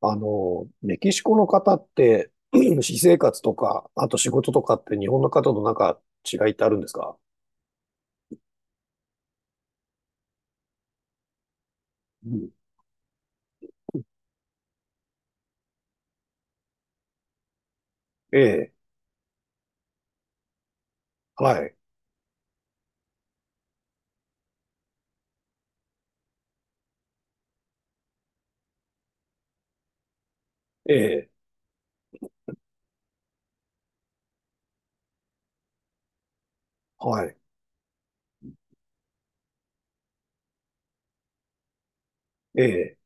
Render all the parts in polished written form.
メキシコの方って、私生活とか、あと仕事とかって日本の方と違いってあるんですか？うん。ええ、はい、ええ、はい、ええ、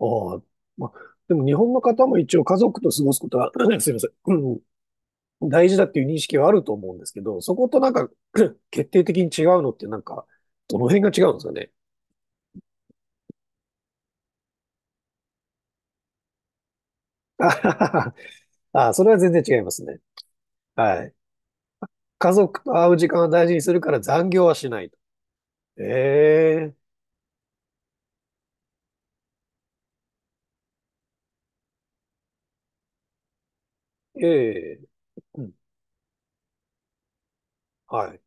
ああ、ま、でも日本の方も一応家族と過ごすことは、すいません、うん、大事だっていう認識はあると思うんですけど、そこと決定的に違うのってどの辺が違うんですかね。あはは。はあ、それは全然違いますね。はい。家族と会う時間を大事にするから残業はしないと。ええ、ええ、うん、はい。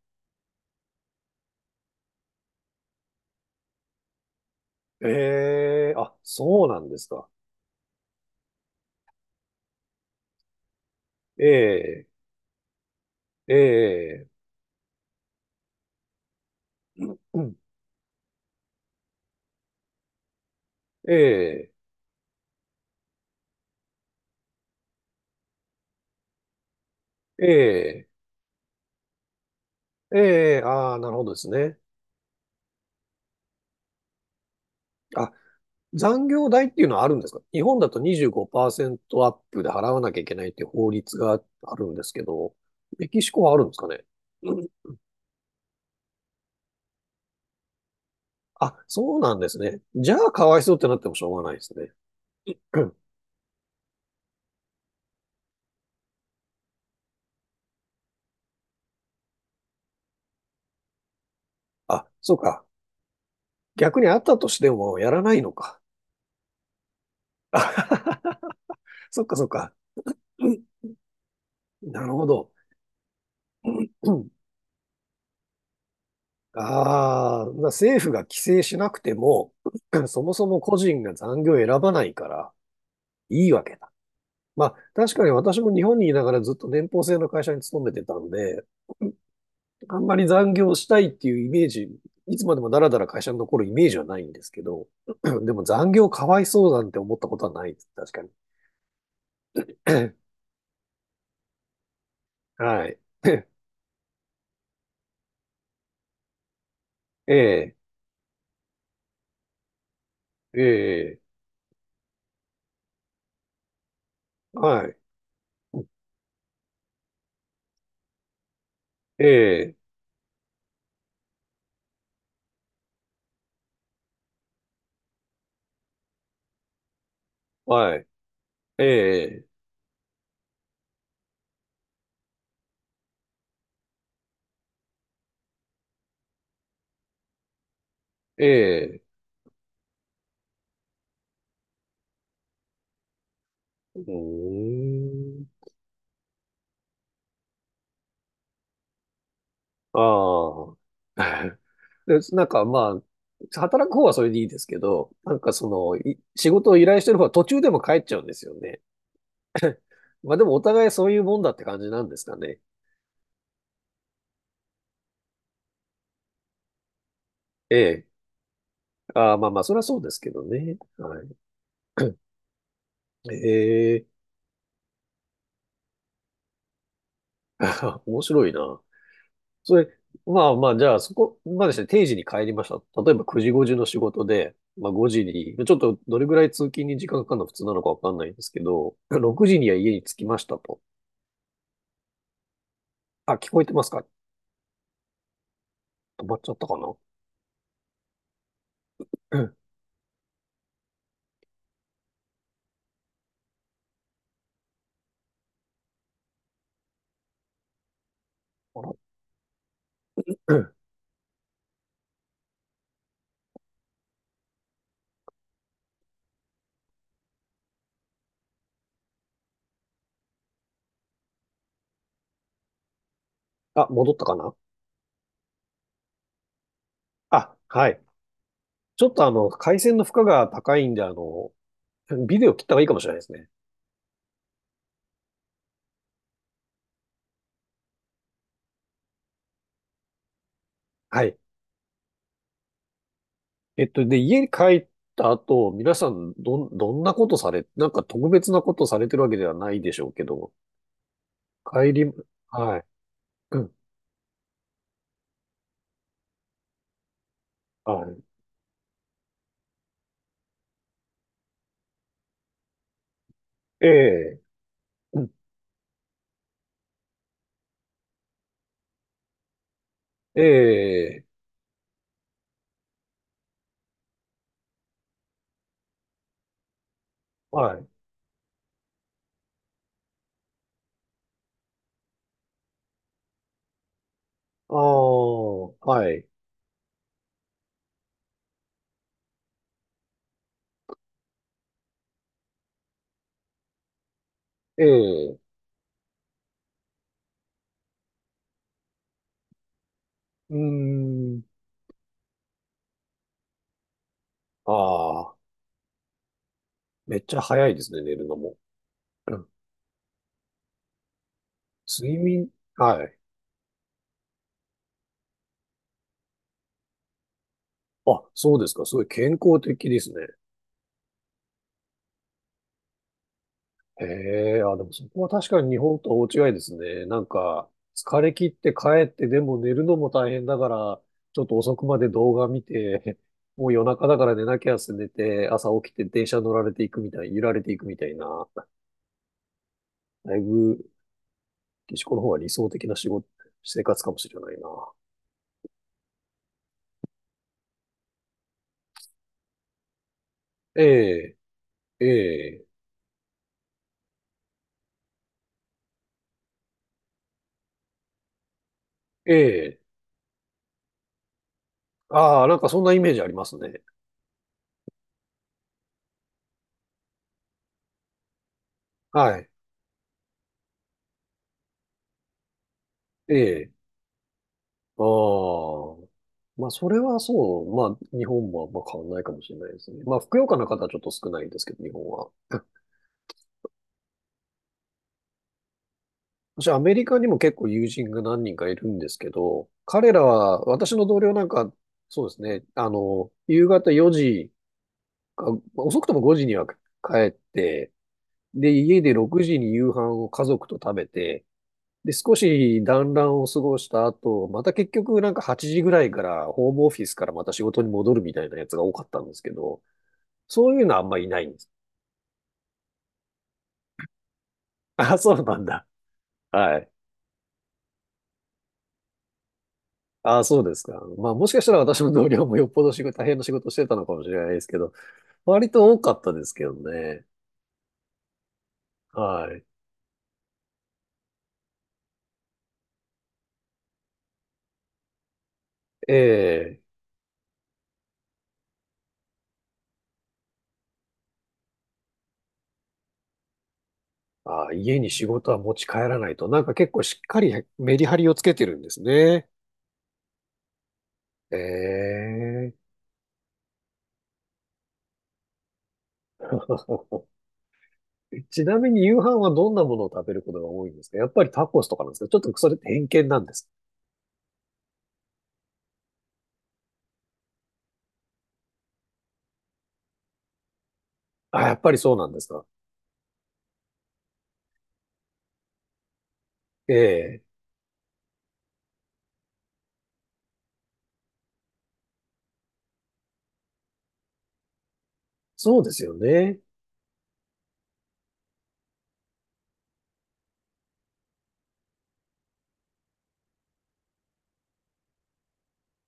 ええ、あ、そうなんですか。ええ、ええ、うん、ええ、ええ、ええ、ああ、なるほどですね。あ、残業代っていうのはあるんですか？日本だと25%アップで払わなきゃいけないっていう法律があるんですけど、メキシコはあるんですかね？うん。あ、そうなんですね。じゃあ、かわいそうってなってもしょうがないですね。うん、あ、そうか。逆にあったとしてもやらないのか。そっかそっか。なるほど。ああ、だから政府が規制しなくても、そもそも個人が残業を選ばないからいいわけだ。まあ、確かに私も日本にいながらずっと年俸制の会社に勤めてたんで、あんまり残業したいっていうイメージ、いつまでもだらだら会社に残るイメージはないんですけど、でも残業かわいそうなんて思ったことはないです。確かに。はい。ええ、ええ、はい。ええ、はい。ええ、ええ。うーん。ああ。で、働く方はそれでいいですけど、い仕事を依頼してる方は途中でも帰っちゃうんですよね。まあでもお互いそういうもんだって感じなんですかね。ええ。ああ、まあまあ、それはそうですけどね。はい。ええ。面白いな。それ、まあまあ、じゃあそこまでして定時に帰りました。例えば9時5時の仕事で、まあ5時に、ちょっとどれぐらい通勤に時間かかるの普通なのかわかんないんですけど、6時には家に着きましたと。あ、聞こえてますか？止まっちゃったかな。うん、あら、うん。あ、戻ったかな？あ、はい。ちょっと回線の負荷が高いんで、ビデオ切った方がいいかもしれないですね。はい。で、家に帰った後、皆さん、どんなことされ、なんか特別なことされてるわけではないでしょうけど、帰り、はい。うん。はい。ええ、うん。ええ、はい。ああ、はい。ええ、うーん。ああ、めっちゃ早いですね、寝るのも。睡眠、はい。あ、そうですか。すごい健康的ですね。へえ、あ、でもそこは確かに日本とは大違いですね。なんか、疲れ切って帰ってでも寝るのも大変だから、ちょっと遅くまで動画見て、もう夜中だから寝なきゃって寝て、朝起きて電車乗られていくみたい、揺られていくみたいな、だいぶ、岸子の方が理想的な仕事、生活かもしれないな。ええ、ええ、ええ。ああ、なんかそんなイメージありますね。はい。ええ。ああ。まあ、それはそう。まあ、日本もあんま変わんないかもしれないですね。まあ、ふくよかな方はちょっと少ないですけど、日本は。私、アメリカにも結構友人が何人かいるんですけど、彼らは、私の同僚なんか、そうですね、夕方4時か、遅くとも5時には帰って、で、家で6時に夕飯を家族と食べて、で、少し団らんを過ごした後、また結局なんか8時ぐらいから、ホームオフィスからまた仕事に戻るみたいなやつが多かったんですけど、そういうのはあんまりいないんです。あ、そうなんだ。はい。あ、そうですか。まあ、もしかしたら私の同僚もよっぽど仕事、大変な仕事をしてたのかもしれないですけど、割と多かったですけどね。はい。ええ。あ、家に仕事は持ち帰らないと。なんか結構しっかりメリハリをつけてるんですね。ええ。ちなみに夕飯はどんなものを食べることが多いんですか？やっぱりタコスとかなんですか？ちょっとそれって偏見なんです。あ、やっぱりそうなんですか。ええ。そうですよね。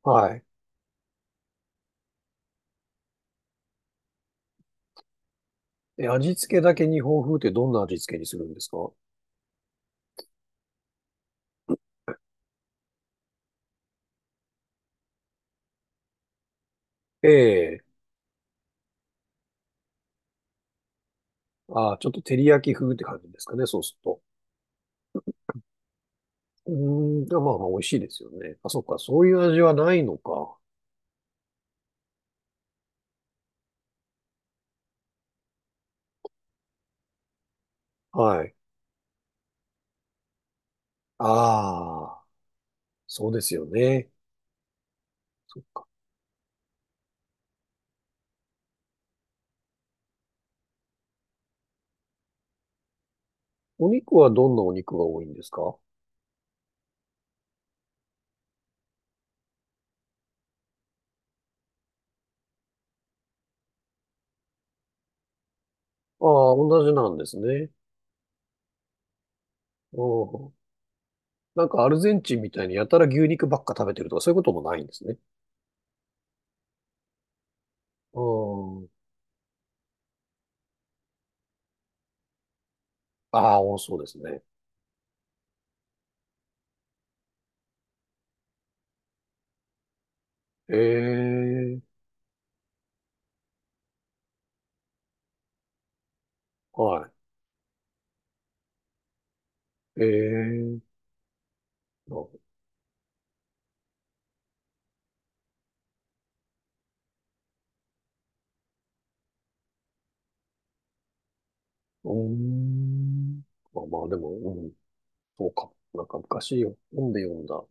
はい。え、味付けだけ日本風ってどんな味付けにするんですか？ええ。ああ、ちょっと照り焼き風って感じですかね、そうすると。うーん、でもまあまあ美味しいですよね。あ、そっか、そういう味はないのか。はい。ああ、そうですよね。そっか。お肉はどんなお肉が多いんですか？ああ、同じなんですね。うん。なんかアルゼンチンみたいにやたら牛肉ばっか食べてるとかそういうこともないんですね。うん。ああ、そうですね。ええ、はい。ええ。あ、うーん。まあまあ、でも、うん、そうか。なんか昔本で読んだ、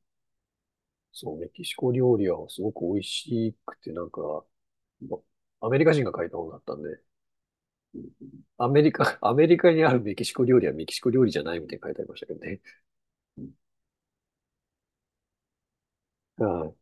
そう、メキシコ料理はすごく美味しくて、なんか、まアメリカ人が書いた本だったんで、アメリカ、アメリカにあるメキシコ料理はメキシコ料理じゃないみたいに書いてありましたけどね。うん、はい。